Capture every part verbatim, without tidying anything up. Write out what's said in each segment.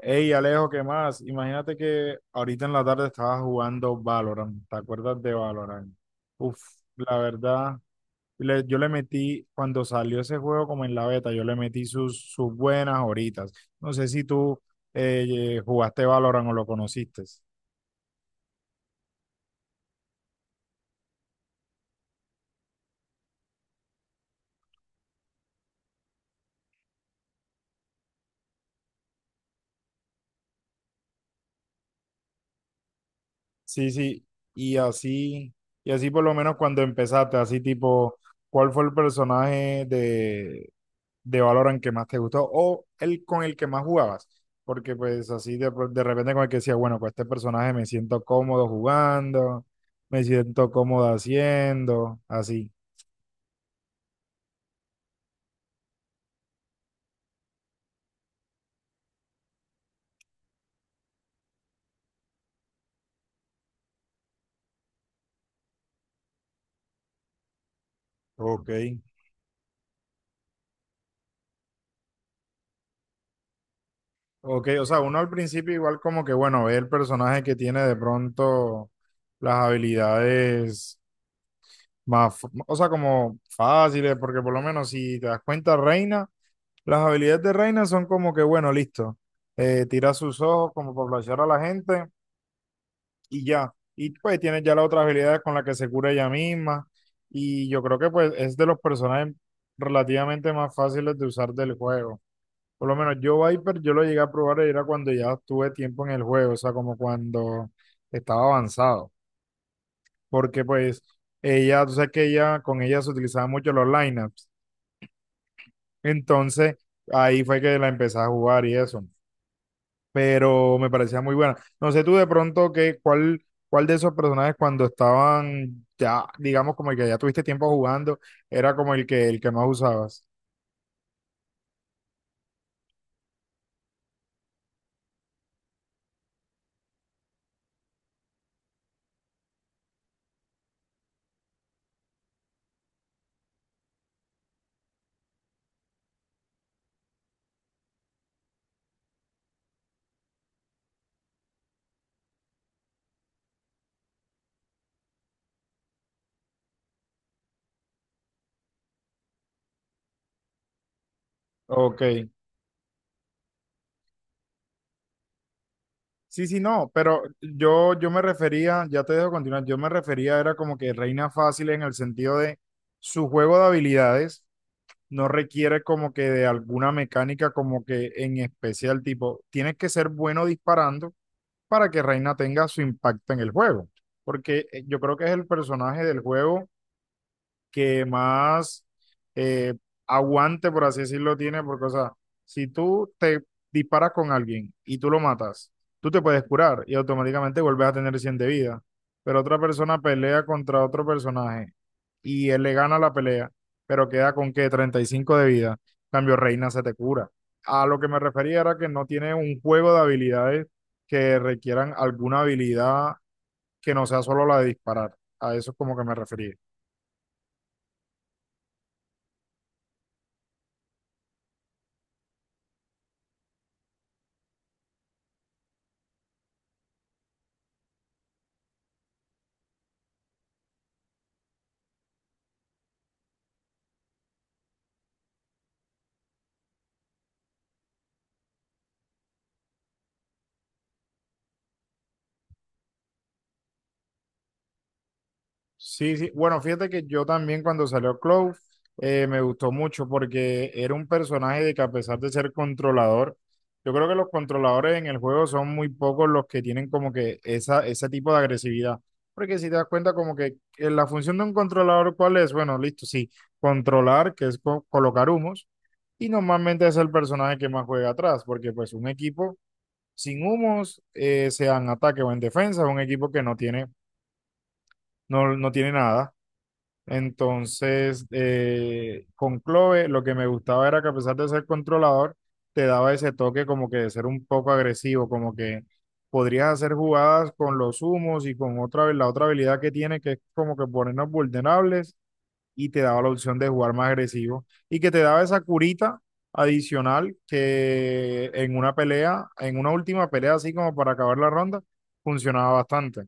Hey, Alejo, ¿qué más? Imagínate que ahorita en la tarde estaba jugando Valorant. ¿Te acuerdas de Valorant? Uf, la verdad, le- yo le metí cuando salió ese juego como en la beta. Yo le metí sus, sus buenas horitas. No sé si tú eh, jugaste Valorant o lo conociste. Sí, sí, y así, y así por lo menos cuando empezaste, así tipo, ¿cuál fue el personaje de, de Valorant que más te gustó o el con el que más jugabas? Porque pues así de, pro- de repente con el que decía, bueno, con este personaje me siento cómodo jugando, me siento cómodo haciendo, así. Ok. Ok, o sea, uno al principio igual como que, bueno, ve el personaje que tiene de pronto las habilidades más, f- o sea, como fáciles, porque por lo menos si te das cuenta, Reina, las habilidades de Reina son como que, bueno, listo, eh, tira sus ojos como para flashear a la gente y ya. Y pues tiene ya la otra habilidad con la que se cura ella misma. Y yo creo que pues es de los personajes relativamente más fáciles de usar del juego. Por lo menos yo Viper, yo lo llegué a probar era cuando ya tuve tiempo en el juego, o sea, como cuando estaba avanzado. Porque pues ella, tú sabes que ella, con ella se utilizaban mucho los lineups. Entonces ahí fue que la empecé a jugar y eso. pero me parecía muy buena. No sé tú de pronto que, cuál, cuál de esos personajes cuando estaban ya, digamos, como el que ya tuviste tiempo jugando, era como el que, el que más usabas. Ok. Sí, sí, no, pero yo, yo me refería, ya te dejo continuar, yo me refería, era como que reina fácil, en el sentido de su juego de habilidades. No requiere como que de alguna mecánica como que en especial tipo, tienes que ser bueno disparando para que Reina tenga su impacto en el juego. Porque eh, yo creo que es el personaje del juego que más eh, aguante, por así decirlo, tiene. Porque, o sea, si tú te disparas con alguien y tú lo matas, tú te puedes curar y automáticamente vuelves a tener cien de vida. Pero otra persona pelea contra otro personaje y él le gana la pelea, pero queda con que treinta y cinco de vida. En cambio Reina se te cura. A lo que me refería era que no tiene un juego de habilidades que requieran alguna habilidad que no sea solo la de disparar. A eso es como que me refería. Sí, sí. Bueno, fíjate que yo también cuando salió Clove eh, me gustó mucho porque era un personaje de que, a pesar de ser controlador, yo creo que los controladores en el juego son muy pocos los que tienen como que esa, ese tipo de agresividad. Porque si te das cuenta como que eh, la función de un controlador, ¿cuál es? Bueno, listo, sí, controlar, que es co- colocar humos, y normalmente es el personaje que más juega atrás, porque pues un equipo sin humos, eh, sea en ataque o en defensa, es un equipo que no tiene, no, no tiene nada. Entonces, eh, con Clove lo que me gustaba era que, a pesar de ser controlador, te daba ese toque como que de ser un poco agresivo, como que podrías hacer jugadas con los humos y con otra, la otra habilidad que tiene, que es como que ponernos vulnerables, y te daba la opción de jugar más agresivo y que te daba esa curita adicional que en una pelea, en una última pelea, así como para acabar la ronda, funcionaba bastante.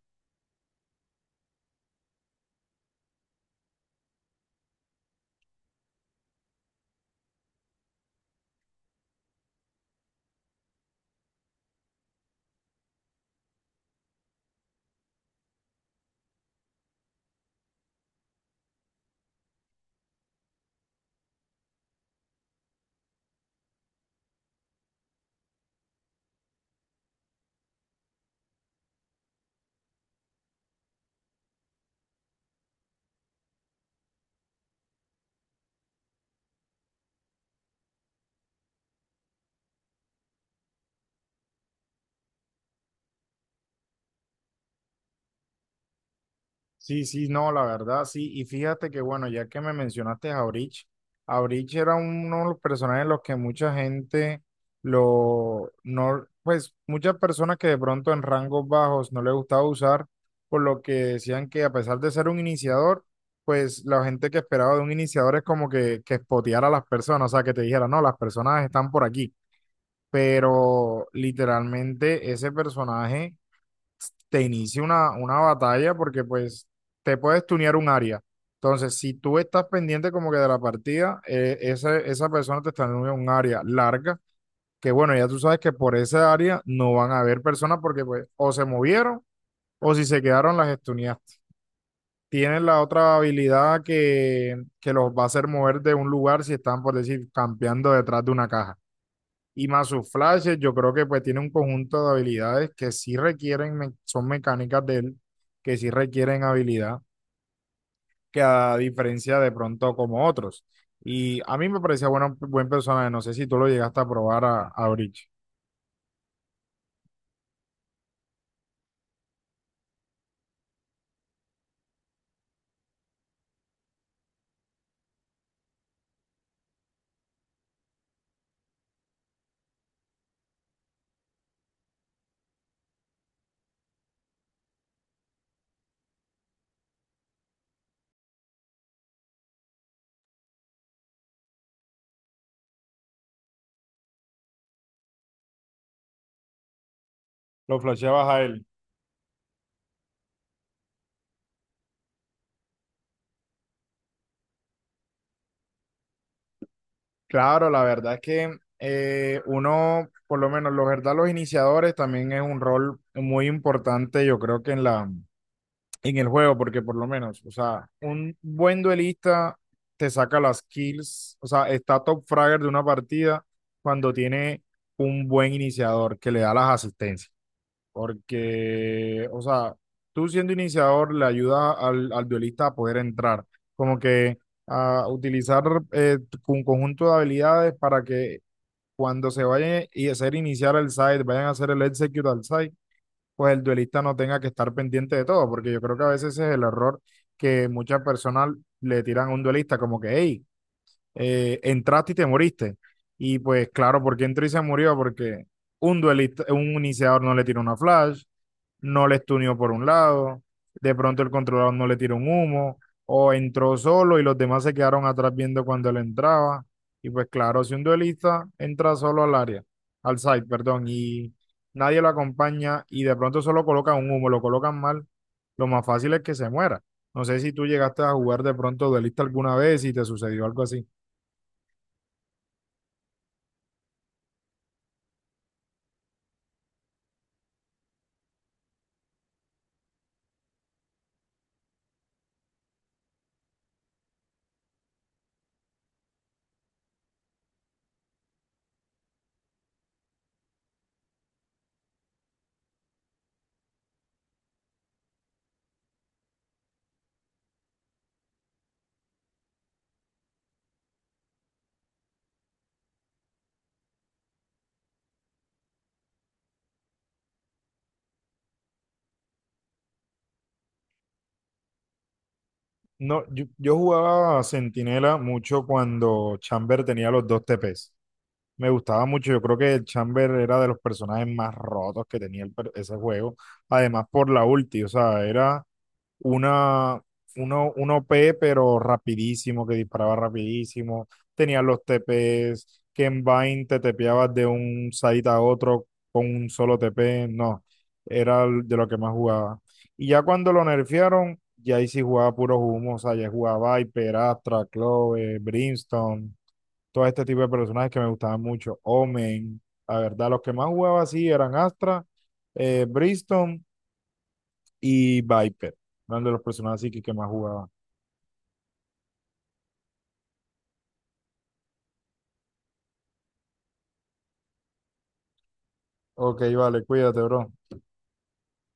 Sí, sí, no, la verdad, sí. Y fíjate que, bueno, ya que me mencionaste a Breach, a Breach, era uno de los personajes en los que mucha gente lo, no, pues muchas personas que de pronto en rangos bajos no les gustaba usar, por lo que decían que, a pesar de ser un iniciador, pues la gente que esperaba de un iniciador es como que, que spoteara a las personas, o sea, que te dijera, no, las personas están por aquí. Pero literalmente ese personaje te inicie una, una batalla porque pues te puedes tunear un área. Entonces, si tú estás pendiente como que de la partida, eh, esa, esa persona te está tuneando un área larga, que bueno, ya tú sabes que por esa área no van a haber personas porque pues o se movieron o si se quedaron las estuneaste. Tienen la otra habilidad que, que los va a hacer mover de un lugar si están, por decir, campeando detrás de una caja. Y más sus flashes, yo creo que pues tiene un conjunto de habilidades que sí requieren, me- son mecánicas de él, que sí requieren habilidad, que a diferencia de pronto como otros. Y a mí me parecía bueno, buen personaje, no sé si tú lo llegaste a probar a, a Breach. Lo flasheabas a él. Claro, la verdad es que eh, uno, por lo menos, los verdad, los iniciadores también es un rol muy importante, yo creo que en la en el juego, porque por lo menos, o sea, un buen duelista te saca las kills, o sea, está top fragger de una partida cuando tiene un buen iniciador que le da las asistencias, porque, o sea, tú siendo iniciador le ayuda al, al duelista a poder entrar, como que a utilizar eh, un conjunto de habilidades para que cuando se vayan y hacer iniciar el side, vayan a hacer el execute al side, pues el duelista no tenga que estar pendiente de todo, porque yo creo que a veces ese es el error que muchas personas le tiran a un duelista, como que, hey, eh, entraste y te moriste. Y pues claro, ¿por qué entró y se murió? Porque un duelista, un iniciador no le tira una flash, no le estunió por un lado, de pronto el controlador no le tiró un humo, o entró solo y los demás se quedaron atrás viendo cuando él entraba. Y pues claro, si un duelista entra solo al área, al side perdón, y nadie lo acompaña y de pronto solo colocan un humo, lo colocan mal, lo más fácil es que se muera. No sé si tú llegaste a jugar de pronto duelista alguna vez y te sucedió algo así. No, yo, yo, jugaba a Centinela mucho cuando Chamber tenía los dos T Ps. Me gustaba mucho, yo creo que el Chamber era de los personajes más rotos que tenía el per- ese juego, además por la ulti, o sea, era una, uno, un O p pero rapidísimo, que disparaba rapidísimo, tenía los T Ps, que en Vayne te tepeabas de un site a otro con un solo T P, no, era el- de lo que más jugaba. Y ya cuando lo nerfearon, ya ahí sí jugaba puro humo, o sea, ya jugaba Viper, Astra, Clove, Brimstone, todo este tipo de personajes que me gustaban mucho. Omen, la verdad, los que más jugaba así eran Astra, eh, Briston y Viper. Eran de los personajes así que, que más jugaba. Ok, vale, cuídate, bro.